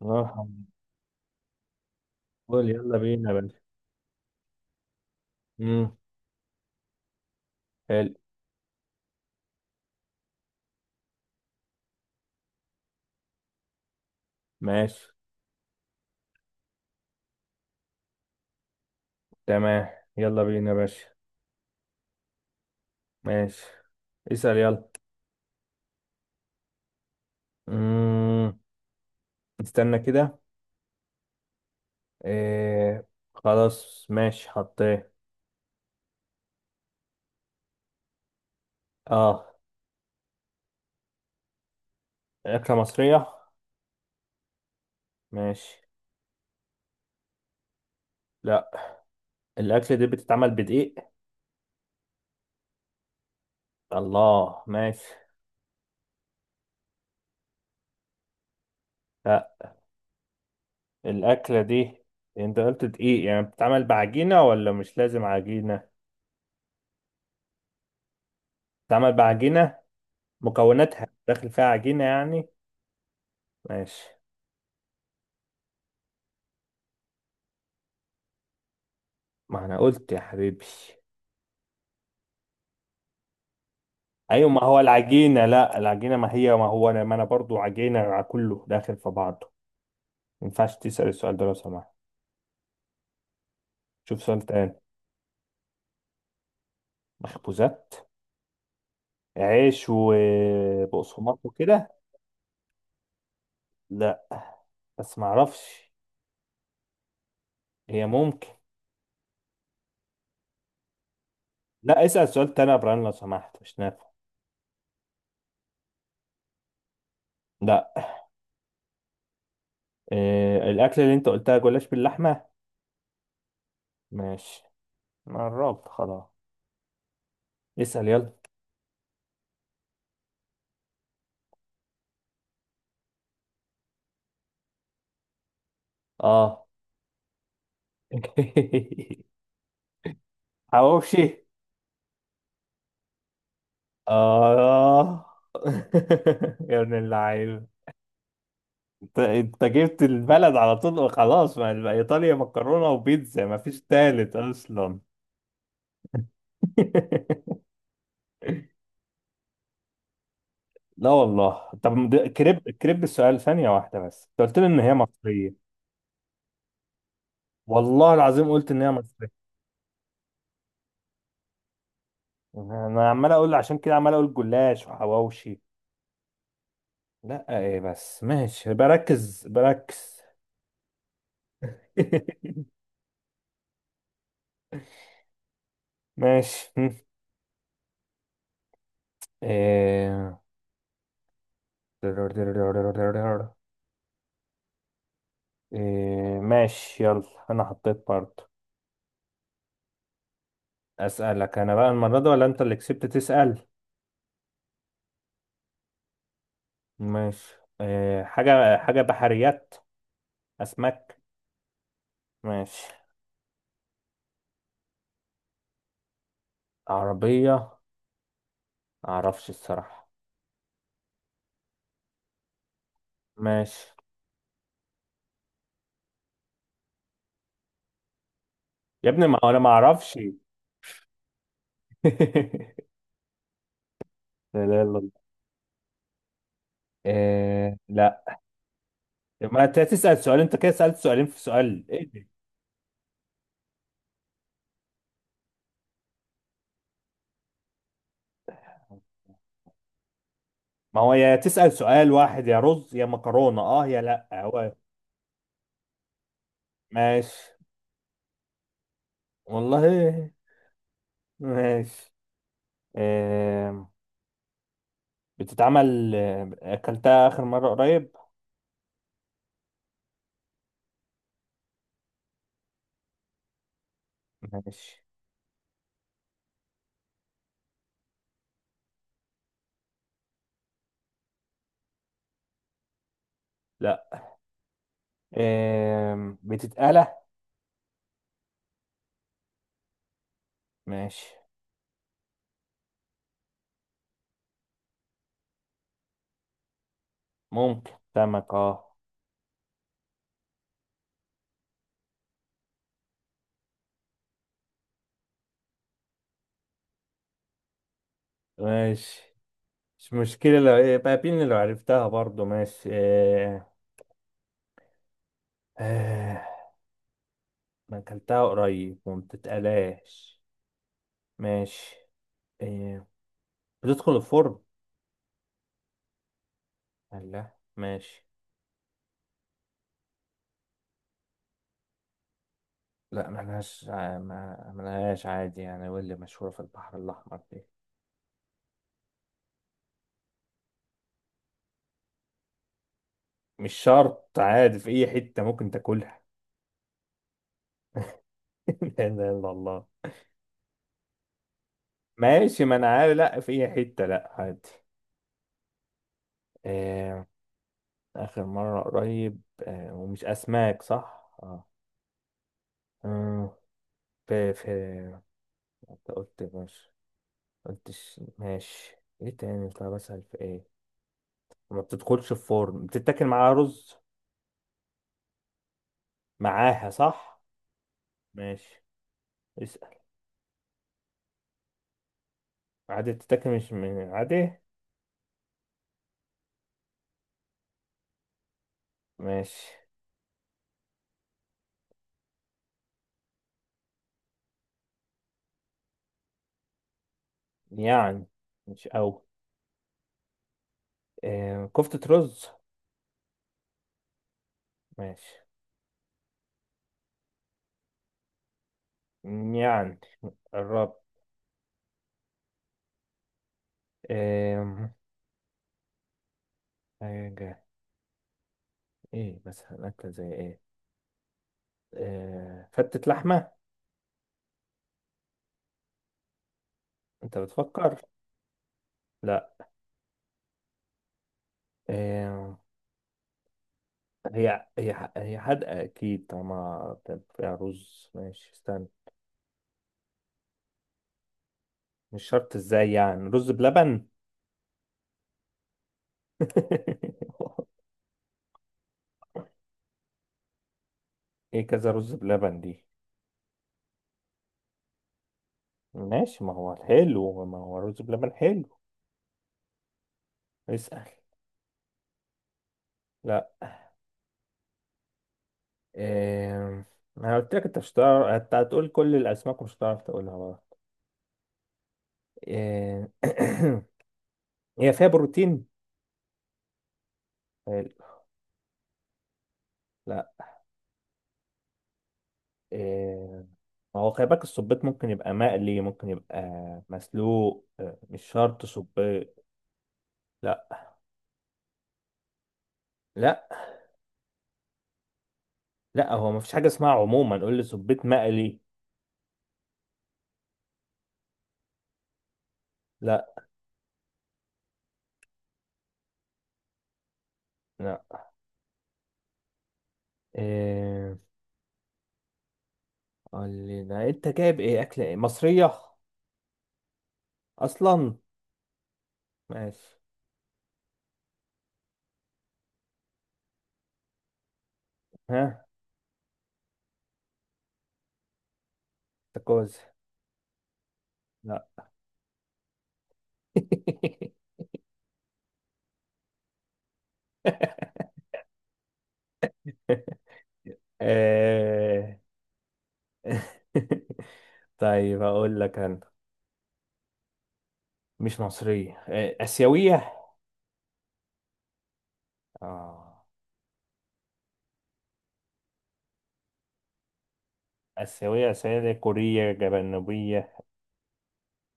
اه. قول يلا بينا يا باشا. امم حلو. ماشي. تمام. يلا بينا يا باشا. ماشي، اسأل يلا. امم استنى كده. إيه. خلاص ماشي، حطيه. اه. أكلة مصرية؟ ماشي. لا. الأكلة دي بتتعمل بدقيق. الله، ماشي. لا. الأكلة دي انت قلت دقيق، يعني بتتعمل بعجينة ولا مش لازم عجينة؟ بتتعمل بعجينة. مكوناتها داخل فيها عجينة يعني. ماشي. ما انا قلت يا حبيبي. ايوه ما هو العجينه، لا العجينه ما هي ما هو انا ما انا برضو عجينه على كله داخل في بعضه. ما ينفعش تسال السؤال ده لو سمحت. شوف سؤال تاني. مخبوزات؟ عيش وبقسماط وكده. لا، بس ما اعرفش. هي ممكن. لا، اسال سؤال تاني يا ابراهيم لو سمحت، مش نافع. لا. إيه الاكل اللي انت قلتها؟ جلاش باللحمه؟ ماشي. أنا قربت خلاص. اسال يلا. اه. حواوشي؟ آه. يا ابن اللعيب، انت جبت البلد على طول، وخلاص، ما يبقى ايطاليا مكرونه وبيتزا، ما فيش تالت اصلا. لا والله، طب كريب، السؤال ثانيه واحده بس، انت قلت لي ان هي مصريه. والله العظيم قلت ان هي مصريه. انا عمال اقول، عشان كده عمال اقول جلاش وحواوشي. لا ايه بس ماشي، بركز بركز. ماشي. إيه. إيه ماشي يلا. انا حطيت برضه. اسالك انا بقى المره دي ولا انت اللي كسبت تسال؟ ماشي. إيه، حاجه بحريات. اسماك؟ ماشي. عربيه؟ معرفش الصراحه. ماشي. يا ابني ما انا ما اعرفش. لا، لا، لا. إيه لا. ما انت تسال سؤال، انت كده سالت سؤالين في سؤال، ايه ده؟ ما هو يا تسال سؤال واحد، يا رز يا مكرونه، اه يا لا هو. ماشي. والله. ماشي. إيه. بتتعمل آه، أكلتها آخر مرة قريب. ماشي. لا. بتتقلى؟ ماشي. ممكن سمك، اه. ماشي. مش مشكلة لو بقى بين، لو عرفتها برضو ماشي. آه، أنا أكلتها قريب وما بتتقلاش. ماشي. آه، بتدخل الفرن. لا ماشي. لا ملهاش ملهاش عادي يعني، واللي مشهورة في البحر الأحمر دي مش شرط، عادي في أي حتة ممكن تاكلها. لا اله الا الله. ماشي، ما انا عارف، لا، في اي حته، لا عادي. آه. اخر مره قريب، ومش اسماك صح، اه. آه، في انت قلت ماشي، قلتش ماشي، ايه تاني؟ طب اسال في ايه؟ ما بتدخلش في فرن، بتتاكل معاها رز؟ معاها صح؟ ماشي، اسال. عادي بتتاكل، مش عادي. ماشي. يعني مش قوي. كفتة رز؟ ماشي. يعني قربت. آه حاجة. ايه مثلا أكلة زي ايه؟ فتة لحمة؟ انت بتفكر. لا. آه هي حادقة اكيد طالما بتبقى فيها رز. ماشي استنى. مش شرط، ازاي يعني؟ رز بلبن؟ ايه كذا رز بلبن دي؟ ماشي، ما هو حلو، ما هو رز بلبن حلو. اسأل. لا. آه انا قلت لك انت مش هتعرف، انت هتقول كل الاسماك ومش هتعرف تقولها بقى. آه هي فيها بروتين. حلو. لا. آه، ما هو خلي بالك، الصبيط ممكن يبقى مقلي، ممكن يبقى مسلوق، مش شرط صبيط. لا. لا، لا هو مفيش حاجة اسمها عموما، قول لي صبيط مقلي. لا. لا. إيه؟ قول لي لا، انت جايب ايه، اكل ايه مصرية اصلا؟ ماشي. ها. تاكوز. لا. إيه. طيب اقول لك انا، مش مصرية، إيه، اسيوية. اه. آسيوية آسيوية دي، كورية جنوبية؟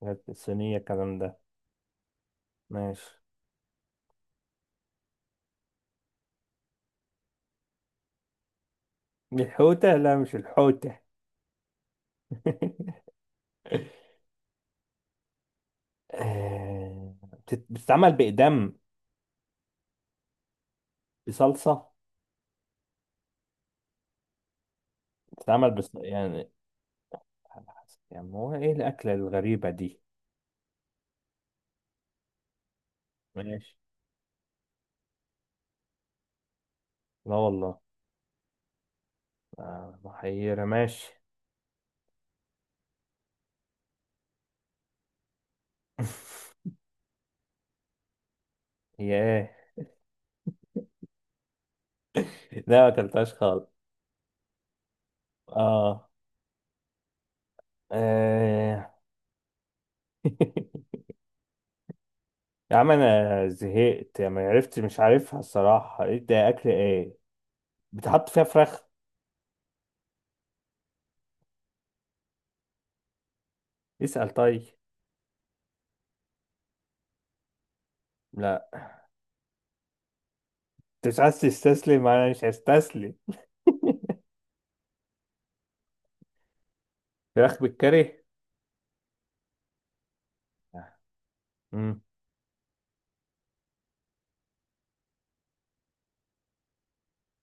حاجات الصينية الكلام ده؟ ماشي. الحوتة؟ لا مش الحوتة. بتتعمل بإقدام، بصلصة. يعني، يعني هو إيه الأكلة الغريبة دي؟ ماشي. لا والله. محيرة ماشي. هي. إيه. لا ما أكلتهاش خالص. آه. آه. يا عم أنا زهقت، يعني ما عرفت، مش عارفها الصراحة، إيه ده؟ أكل إيه؟ بتحط فيها فراخ؟ اسأل طيب. لا. انت مش عايز تستسلم، انا مش هستسلم. فراخ بالكاري؟ امم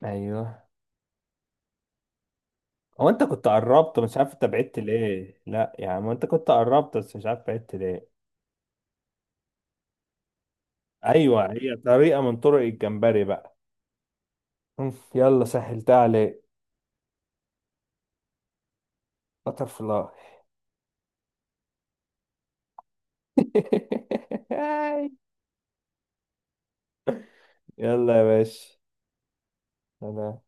ايوه. هو انت كنت قربت، مش عارف انت بعدت ليه، لا يعني ما انت كنت قربت بس مش عارف بعدت ليه. ايوه، هي طريقة من طرق الجمبري بقى. يلا سهلتها عليك. بتر فلاي. يلا يا باشا. سلام.